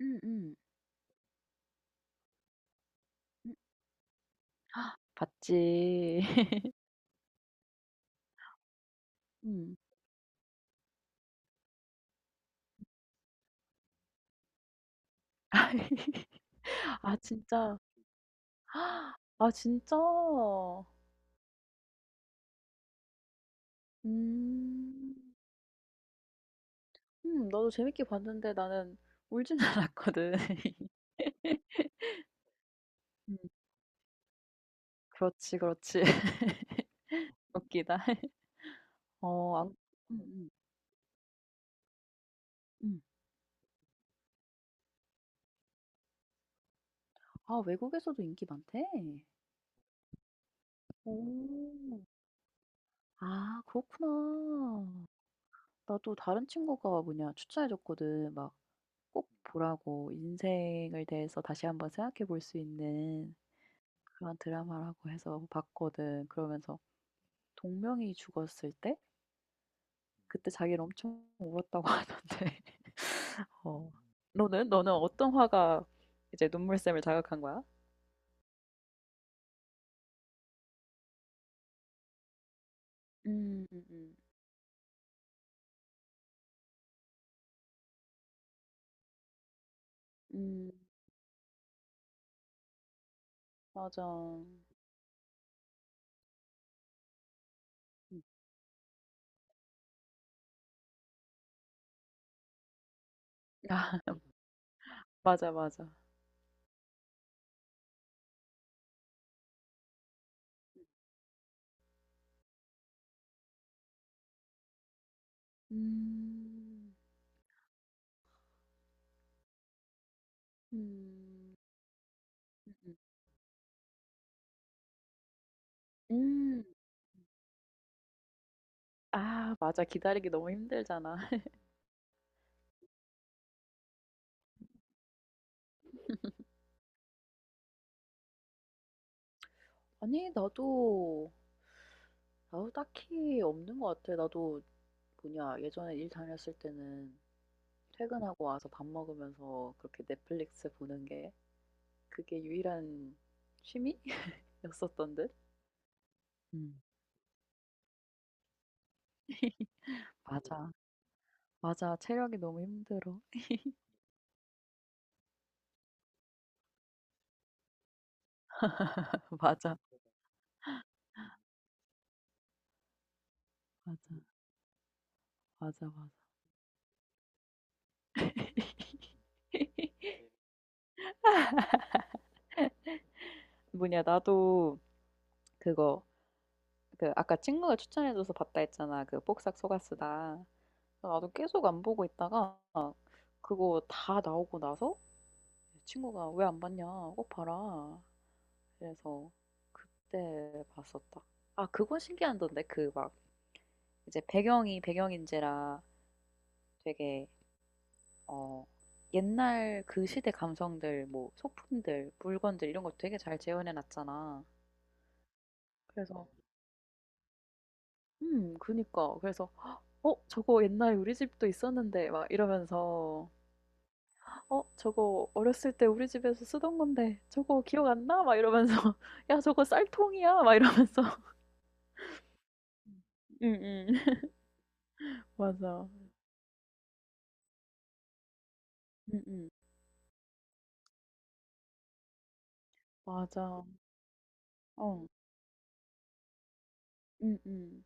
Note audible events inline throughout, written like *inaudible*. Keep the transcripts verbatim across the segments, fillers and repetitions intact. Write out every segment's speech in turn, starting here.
음음. 음. 봤지. *laughs* 음. *laughs* 아, 진짜. *gasps* 아, 진짜. 음. 음 나도 재밌게 봤는데 나는 울진 않았거든. *laughs* 음. 그렇지, 그렇지. *laughs* 웃기다. *laughs* 어안 음음. 음. 음. 아, 외국에서도 인기 많대? 오. 아, 그렇구나. 나도 다른 친구가 뭐냐 추천해 줬거든. 막 꼭 보라고 인생에 대해서 다시 한번 생각해 볼 수 있는 그런 드라마라고 해서 봤거든. 그러면서 동명이 죽었을 때 그때 자기는 엄청 울었다고 *laughs* 하던데. 어. 너는? 너는 어떤 화가 이제 눈물샘을 자극한 거야? 음, 음, 음, 음, 맞아. 음. 아, *laughs* 맞아, 맞아. 음, 음, 음, 음. 음. 아, 맞아. 기다리기 너무 힘들잖아. *laughs* 아니, 나도 아우 딱히 없는 것 같아. 나도 뭐냐 예전에 일 다녔을 때는 퇴근하고 와서 밥 먹으면서 그렇게 넷플릭스 보는 게 그게 유일한 취미였었던 듯. *laughs* 음. 맞아. 맞아. 체력이 너무 힘들어. *laughs* 맞아. 맞아. 맞아. 맞아. *laughs* 뭐냐 나도 그거 그 아까 친구가 추천해줘서 봤다 했잖아. 그 복삭 속았수다. 나도 계속 안 보고 있다가 그거 다 나오고 나서 친구가 왜 안 봤냐? 꼭 봐라. 그래서 그때 봤었다. 아, 그건 신기하던데. 그 막 이제 배경이 배경인지라 되게 어, 옛날 그 시대 감성들 뭐 소품들, 물건들 이런 거 되게 잘 재현해 놨잖아. 그래서 음, 그니까. 그래서 어, 저거 옛날에 우리 집도 있었는데 막 이러면서 어, 저거 어렸을 때 우리 집에서 쓰던 건데 저거 기억 안 나? 막 이러면서 *laughs* 야, 저거 쌀통이야? 막 이러면서. *laughs* 응, 응. 맞아. 응, 응. 맞아. 어. 음음.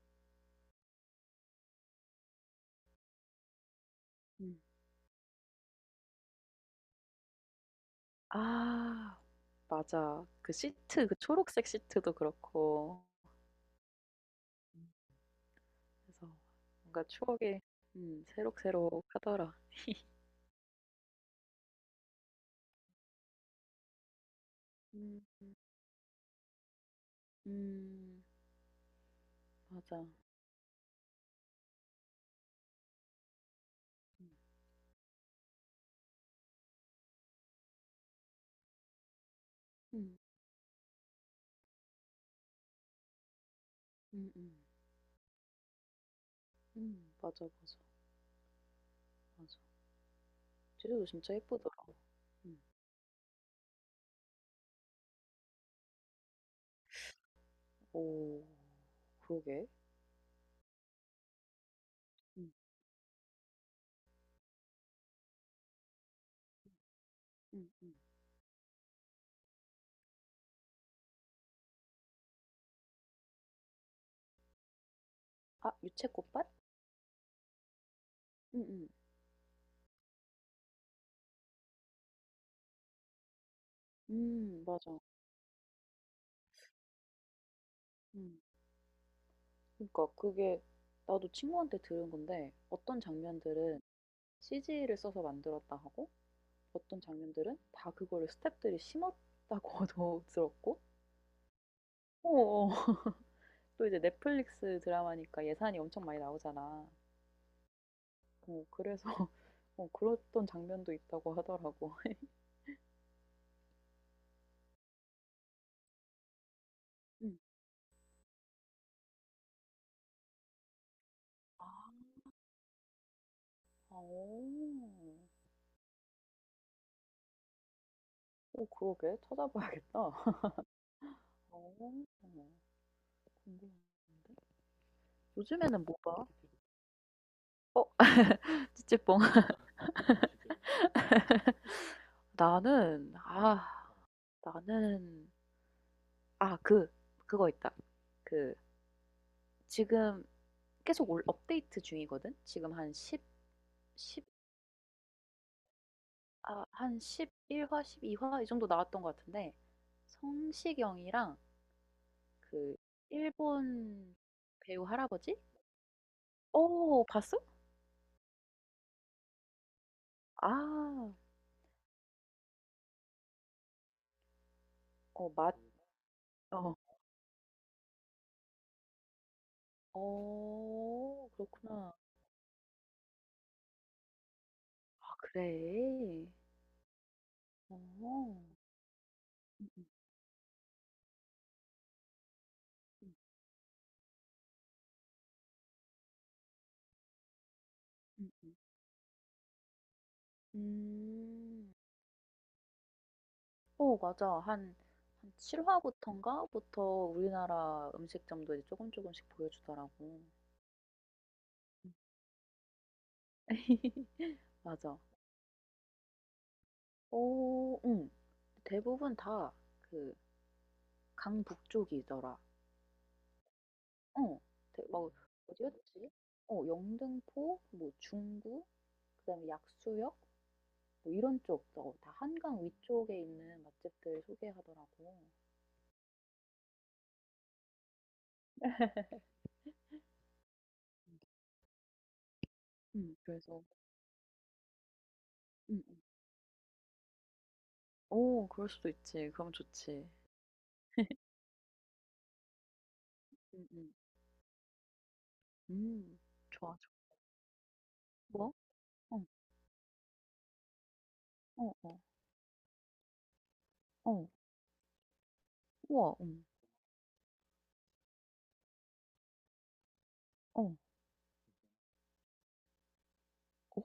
음. 아, 맞아. 그 시트 그 초록색 시트도 그렇고 그래서 뭔가 추억이 음, 새록새록하더라. 음. 음, 음, 맞아. 음. 음. 음, 음. 음, 음, 맞아, 맞아, 맞아. 찌도 진짜 예쁘더라. 음. 오, 그러게. 음. 음, 음. 아, 유채꽃밭? 음, 음. 음, 음, 맞아. 음. 그니까 그게 나도 친구한테 들은 건데 어떤 장면들은 씨지를 써서 만들었다 하고 어떤 장면들은 다 그거를 스태프들이 심었다고도 들었고 어어. *laughs* 또 이제 넷플릭스 드라마니까 예산이 엄청 많이 나오잖아. 어 그래서 *laughs* 어 그랬던 장면도 있다고 하더라고. *laughs* 음. 아. 오. 오, 그러게. 찾아봐야겠다. 어. 궁금한데. 요즘에는 뭐 봐? 어, 아, 찌찌뽕. *laughs* 나는 아 나는 아 그 그거 있다. 그 지금 계속 올 업데이트 중이거든. 지금 한십일 아, 한 십일화 십이 화 이 정도 나왔던 것 같은데 성시경이랑 그 일본 배우 할아버지? 어, 봤어? 아, 어, 맞, 어, 어, 그렇구나. 아, 그래. 어, 음, 음, 음, 음, 음. 음. 어, 맞아. 한, 한 칠 화부터인가부터 우리나라 음식점도 이제 조금 조금씩 보여주더라고. *laughs* 맞아. 어 응. 대부분 다 그 강북쪽이더라. 어. 대- 막 어디였지? 어, 영등포, 뭐 중구, 그다음에 약수역 뭐 이런 쪽, 어, 다 한강 위쪽에 있는 맛집들 소개하더라고. 음. 그래서 음. 음. 오, 그럴 수도 있지. 그럼 좋지. 음. 음. 음. 좋아, 좋아. 뭐? 어. 어. 어. 어. 우와. 음. 어. 어,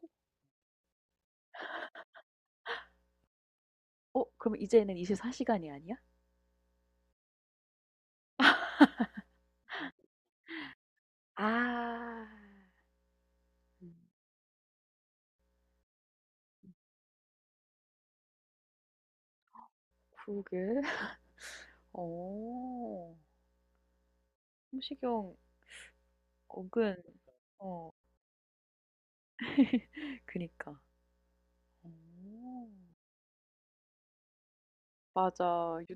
어, 그럼 이제는 이십사 시간이 아니야? 아. 그러게. 어. 성시경 어근 어. *laughs* 그니까. 어. 맞아. 유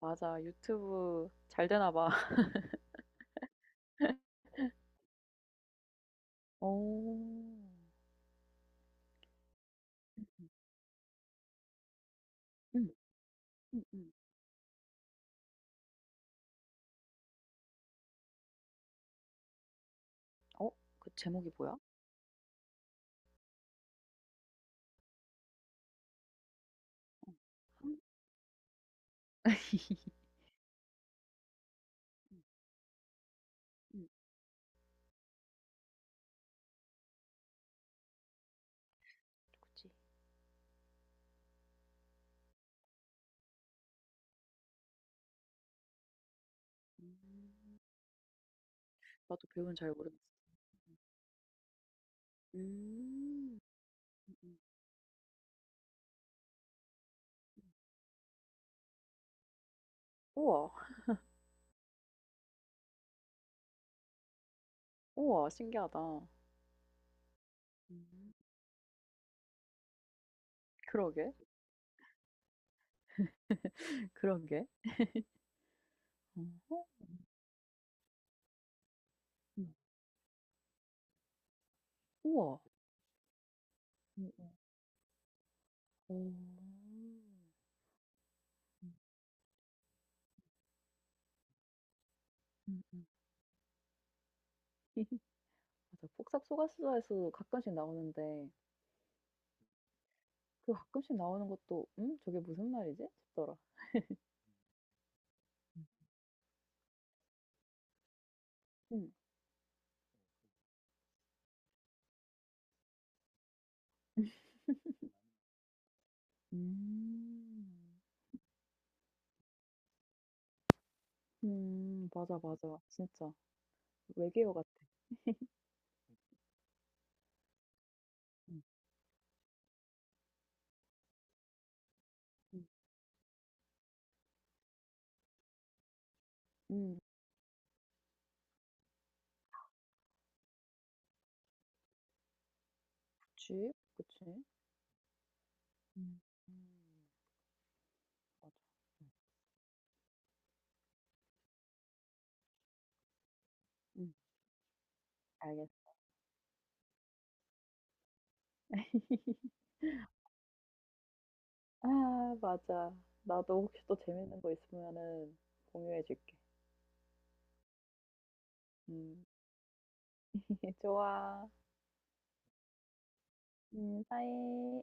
맞아. 유튜브 잘 되나 봐. *laughs* 어. 응, 응, 응. 어? 그 제목이 뭐야? 어. 한 응, 응, 그치. 음. 나도 배우는 잘 모르겠어. 음. 음음. 우와. 우와, 신기하다. 음. 그러게. 그러게. 어 응, 응. 우와. 응, 응. 오, 음. 음음. *laughs* 맞아. 폭삭소가수다에서도 가끔씩 나오는데 그 가끔씩 나오는 것도 '음? 저게 무슨 말이지?' 싶더라. 음. 음. *laughs* 음. 음. 맞아, 맞아. 진짜. 외계어 같아. 음. 음. 음. 그치. 그치. 음. 음. 맞아. 음. 음. 알겠어. *laughs* 아, 맞아. 나도 혹시 또 재밌는 거 있으면은 공유해 줄게. 음. *laughs* 좋아. 음. 바이.